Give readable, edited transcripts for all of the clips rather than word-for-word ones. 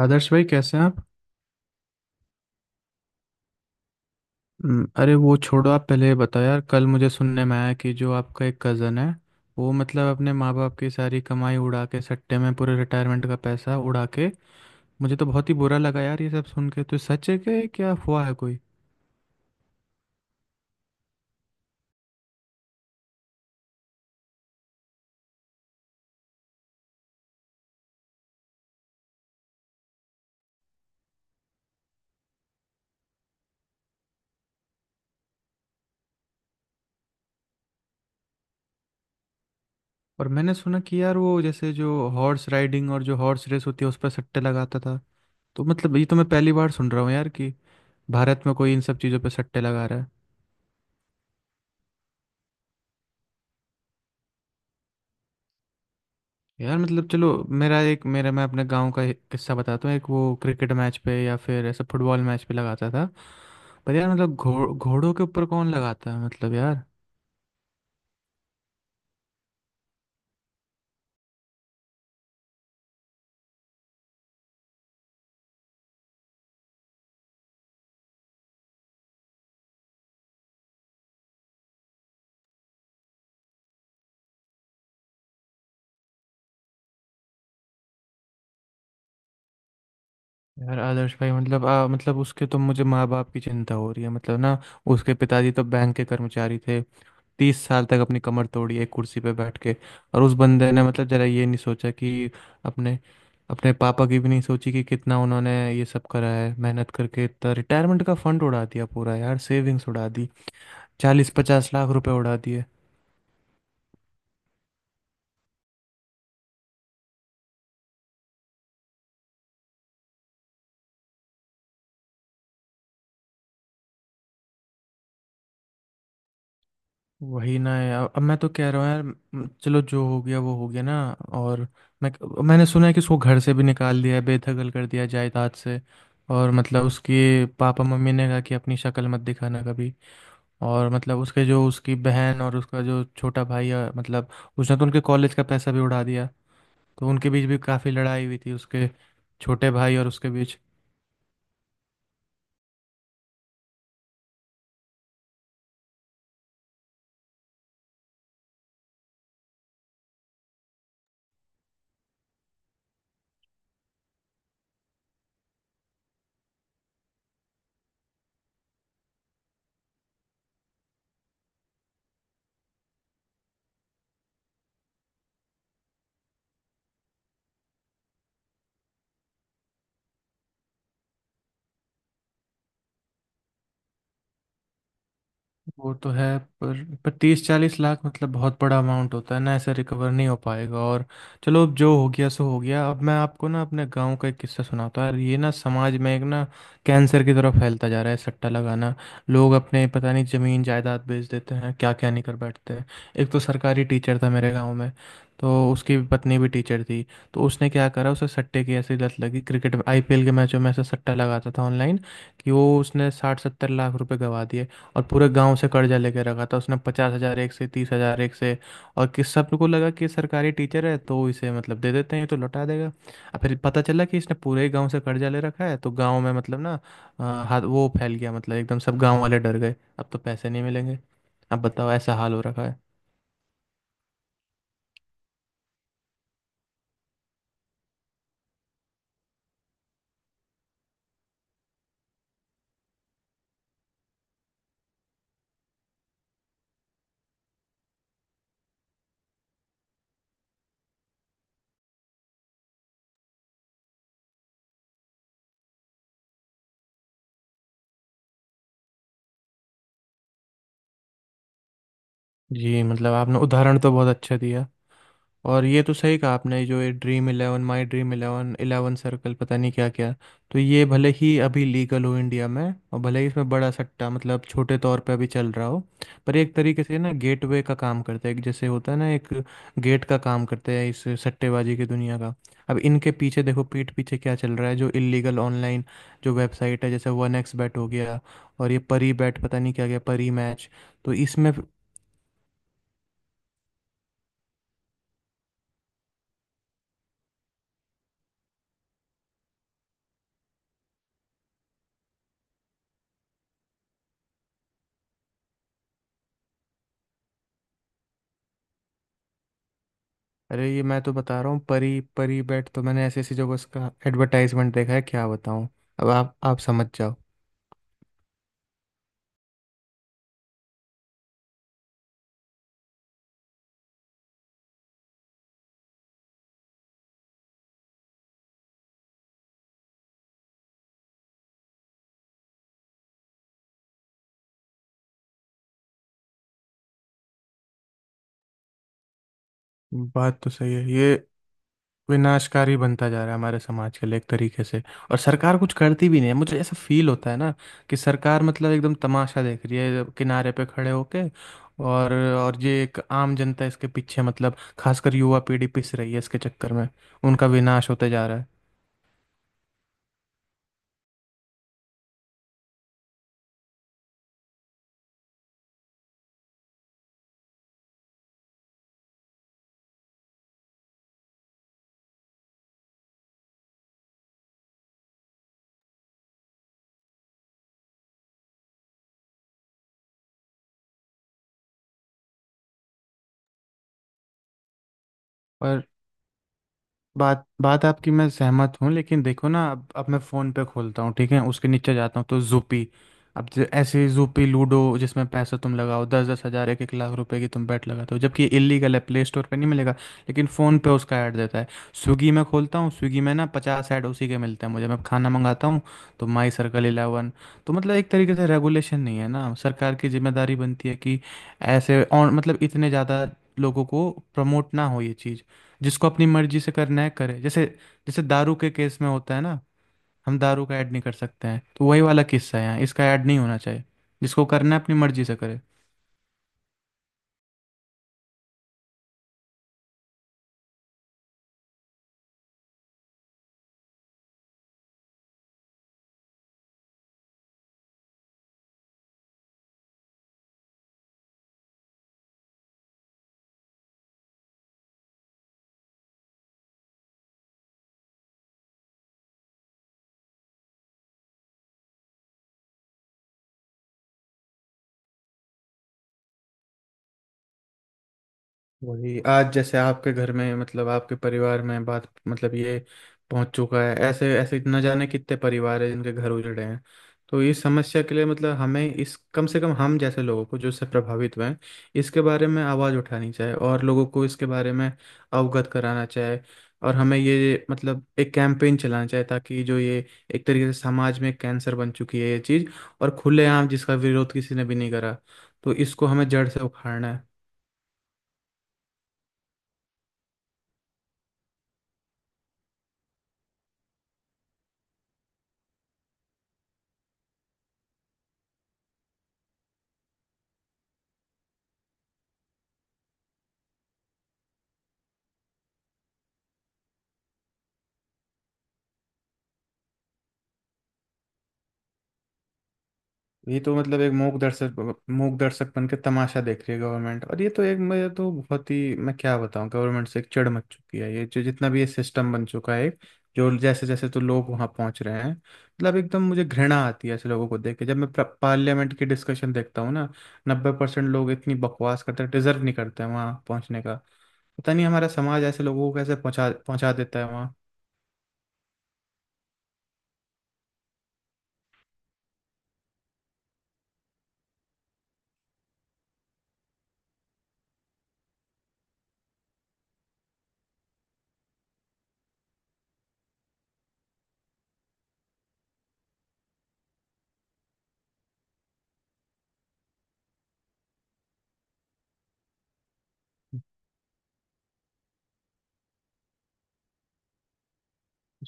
आदर्श भाई, कैसे हैं आप? हम्म। अरे, वो छोड़ो, आप पहले ये बताओ, यार कल मुझे सुनने में आया कि जो आपका एक कज़न है, वो मतलब अपने माँ बाप की सारी कमाई उड़ा के सट्टे में पूरे रिटायरमेंट का पैसा उड़ा के, मुझे तो बहुत ही बुरा लगा यार ये सब सुन के। तो सच है? कि क्या हुआ है कोई? और मैंने सुना कि यार वो जैसे जो हॉर्स राइडिंग और जो हॉर्स रेस होती है उस पर सट्टे लगाता था। तो मतलब ये तो मैं पहली बार सुन रहा हूँ यार कि भारत में कोई इन सब चीज़ों पर सट्टे लगा रहा है। यार मतलब चलो, मेरा एक मेरा मैं अपने गांव का एक किस्सा बताता हूँ। एक वो क्रिकेट मैच पे या फिर ऐसा फुटबॉल मैच पे लगाता था। पर यार मतलब घोड़ों के ऊपर कौन लगाता है? मतलब यार। यार आदर्श भाई, मतलब मतलब उसके तो मुझे माँ बाप की चिंता हो रही है मतलब ना। उसके पिताजी तो बैंक के कर्मचारी थे, 30 साल तक अपनी कमर तोड़ी एक कुर्सी पे बैठ के। और उस बंदे ने मतलब जरा ये नहीं सोचा कि अपने अपने पापा की भी नहीं सोची कि कितना उन्होंने ये सब करा है मेहनत करके। इतना रिटायरमेंट का फंड उड़ा दिया पूरा यार, सेविंग्स उड़ा दी, 40-50 लाख रुपए उड़ा दिए। वही ना यार, अब मैं तो कह रहा हूँ यार, चलो जो हो गया वो हो गया ना। और मैं मैंने सुना है कि उसको घर से भी निकाल दिया है, बेदखल कर दिया है जायदाद से। और मतलब उसके पापा मम्मी ने कहा कि अपनी शक्ल मत दिखाना कभी। और मतलब उसके जो उसकी बहन और उसका जो छोटा भाई है मतलब, उसने तो उनके कॉलेज का पैसा भी उड़ा दिया। तो उनके बीच भी काफ़ी लड़ाई हुई थी, उसके छोटे भाई और उसके बीच। वो तो है। पर 30-40 लाख मतलब बहुत बड़ा अमाउंट होता है ना, ऐसे रिकवर नहीं हो पाएगा। और चलो, अब जो हो गया सो हो गया। अब मैं आपको ना अपने गांव का एक किस्सा सुनाता हूँ। ये ना समाज में एक ना कैंसर की तरफ फैलता जा रहा है सट्टा लगाना। लोग अपने पता नहीं जमीन जायदाद बेच देते हैं, क्या क्या नहीं कर बैठते हैं। एक तो सरकारी टीचर था मेरे गाँव में, तो उसकी पत्नी भी टीचर थी। तो उसने क्या करा, उसे सट्टे की ऐसी लत लगी, क्रिकेट आईपीएल के मैचों में ऐसा सट्टा लगाता था ऑनलाइन कि वो उसने 60-70 लाख रुपए गवा दिए। और पूरे गांव से कर्जा लेके रखा था उसने, 50 हज़ार एक से, 30 हज़ार एक से। और किस सबको लगा कि सरकारी टीचर है तो इसे मतलब दे देते हैं, ये तो लौटा देगा। और फिर पता चला कि इसने पूरे ही गांव से कर्जा ले रखा है, तो गांव में मतलब ना, हाथ वो फैल गया मतलब, एकदम सब गांव वाले डर गए, अब तो पैसे नहीं मिलेंगे। अब बताओ, ऐसा हाल हो रखा है। जी मतलब आपने उदाहरण तो बहुत अच्छा दिया। और ये तो सही कहा आपने, जो ये dream eleven, my dream eleven, eleven circle, पता नहीं क्या क्या। तो ये भले ही अभी लीगल हो इंडिया में, और भले ही इसमें बड़ा सट्टा मतलब छोटे तौर पे अभी चल रहा हो, पर ये एक तरीके से ना गेटवे का काम करता है। एक जैसे होता है ना एक गेट का काम करता है, इस सट्टेबाजी की दुनिया का। अब इनके पीछे देखो, पीठ पीछे क्या चल रहा है, जो इलीगल ऑनलाइन जो वेबसाइट है, जैसे वन एक्स बैट हो गया, और ये परी बैट, पता नहीं क्या गया, परी मैच। तो इसमें, अरे ये मैं तो बता रहा हूँ, परी परी बेट, तो मैंने ऐसी ऐसी जगह उसका एडवर्टाइजमेंट देखा है, क्या बताऊँ। अब आप समझ जाओ। बात तो सही है, ये विनाशकारी बनता जा रहा है हमारे समाज के लिए एक तरीके से। और सरकार कुछ करती भी नहीं है, मुझे ऐसा फील होता है ना, कि सरकार मतलब एकदम तमाशा देख रही है किनारे पे खड़े होके। और ये एक आम जनता इसके पीछे मतलब, खासकर युवा पीढ़ी पिस रही है इसके चक्कर में, उनका विनाश होते जा रहा है। बात बात आपकी मैं सहमत हूँ, लेकिन देखो ना, अब मैं फ़ोन पे खोलता हूँ, ठीक है, उसके नीचे जाता हूँ तो जूपी, अब ऐसे जूपी लूडो जिसमें पैसा तुम लगाओ, 10-10 हज़ार, 1-1 लाख रुपए की तुम बैट लगाते हो, जबकि ये इलीगल है, प्ले स्टोर पे नहीं मिलेगा, लेकिन फ़ोन पे उसका ऐड देता है। स्विगी में खोलता हूँ, स्विगी में ना 50 ऐड उसी के मिलते हैं मुझे, मैं खाना मंगाता हूँ। तो माई सर्कल इलेवन, तो मतलब एक तरीके से रेगुलेशन नहीं है ना, सरकार की जिम्मेदारी बनती है कि ऐसे और मतलब इतने ज़्यादा लोगों को प्रमोट ना हो ये चीज़। जिसको अपनी मर्जी से करना है करे, जैसे जैसे दारू के केस में होता है ना, हम दारू का ऐड नहीं कर सकते हैं, तो वही वाला किस्सा है, यहाँ इसका ऐड नहीं होना चाहिए। जिसको करना है अपनी मर्जी से करे। वही आज जैसे आपके घर में मतलब आपके परिवार में बात मतलब ये पहुंच चुका है, ऐसे ऐसे न जाने कितने परिवार है जिनके घर उजड़े हैं। तो इस समस्या के लिए मतलब हमें इस, कम से कम हम जैसे लोगों को जो इससे प्रभावित हुए हैं, इसके बारे में आवाज़ उठानी चाहिए, और लोगों को इसके बारे में अवगत कराना चाहिए। और हमें ये मतलब एक कैंपेन चलाना चाहिए, ताकि जो ये एक तरीके से समाज में कैंसर बन चुकी है ये चीज़, और खुलेआम जिसका विरोध किसी ने भी नहीं करा, तो इसको हमें जड़ से उखाड़ना है। ये तो मतलब एक मूक दर्शक, मूक दर्शक बन के तमाशा देख रही है गवर्नमेंट। और ये तो एक, मैं तो बहुत ही, मैं क्या बताऊं, गवर्नमेंट से एक चिढ़ मच चुकी है, ये जो जितना भी ये सिस्टम बन चुका है। जो जैसे जैसे तो लोग वहां पहुंच रहे हैं मतलब, एकदम मुझे घृणा आती है ऐसे लोगों को देख के, जब मैं पार्लियामेंट की डिस्कशन देखता हूँ ना, 90% लोग इतनी बकवास करते हैं, डिजर्व नहीं करते हैं वहां पहुंचने का। पता नहीं हमारा समाज ऐसे लोगों को कैसे पहुंचा पहुंचा देता है।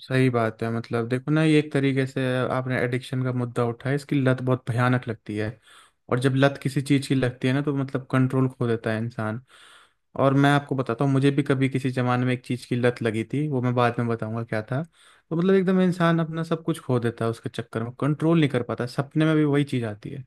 सही बात है, मतलब देखो ना, ये एक तरीके से, आपने एडिक्शन का मुद्दा उठाया, इसकी लत बहुत भयानक लगती है। और जब लत किसी चीज़ की लगती है ना, तो मतलब कंट्रोल खो देता है इंसान। और मैं आपको बताता हूँ, मुझे भी कभी किसी ज़माने में एक चीज़ की लत लगी थी, वो मैं बाद में बताऊंगा क्या था। तो मतलब एकदम इंसान अपना सब कुछ खो देता है उसके चक्कर में, कंट्रोल नहीं कर पाता, सपने में भी वही चीज़ आती है।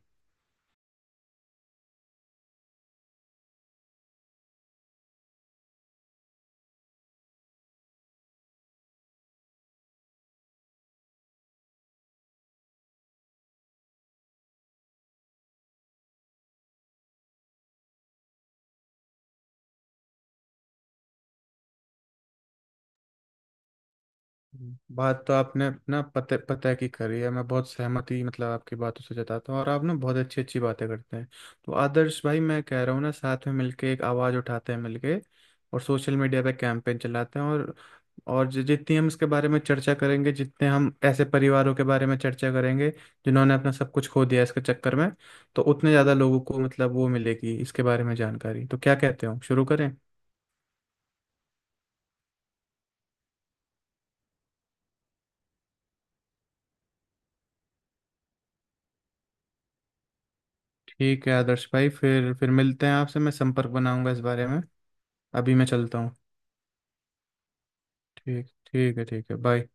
बात तो आपने अपना पते पते की करी है, मैं बहुत सहमति मतलब आपकी बातों से जताता हूँ, और आप ना बहुत अच्छी अच्छी बातें करते हैं। तो आदर्श भाई, मैं कह रहा हूँ ना, साथ में मिलके एक आवाज़ उठाते हैं मिलके, और सोशल मीडिया पे कैंपेन चलाते हैं, और जितनी हम इसके बारे में चर्चा करेंगे, जितने हम ऐसे परिवारों के बारे में चर्चा करेंगे जिन्होंने अपना सब कुछ खो दिया इसके चक्कर में, तो उतने ज़्यादा लोगों को मतलब वो मिलेगी इसके बारे में जानकारी। तो क्या कहते हो, शुरू करें? ठीक है आदर्श भाई, फिर मिलते हैं आपसे, मैं संपर्क बनाऊंगा इस बारे में। अभी मैं चलता हूँ। ठीक, ठीक है। ठीक है। बाय।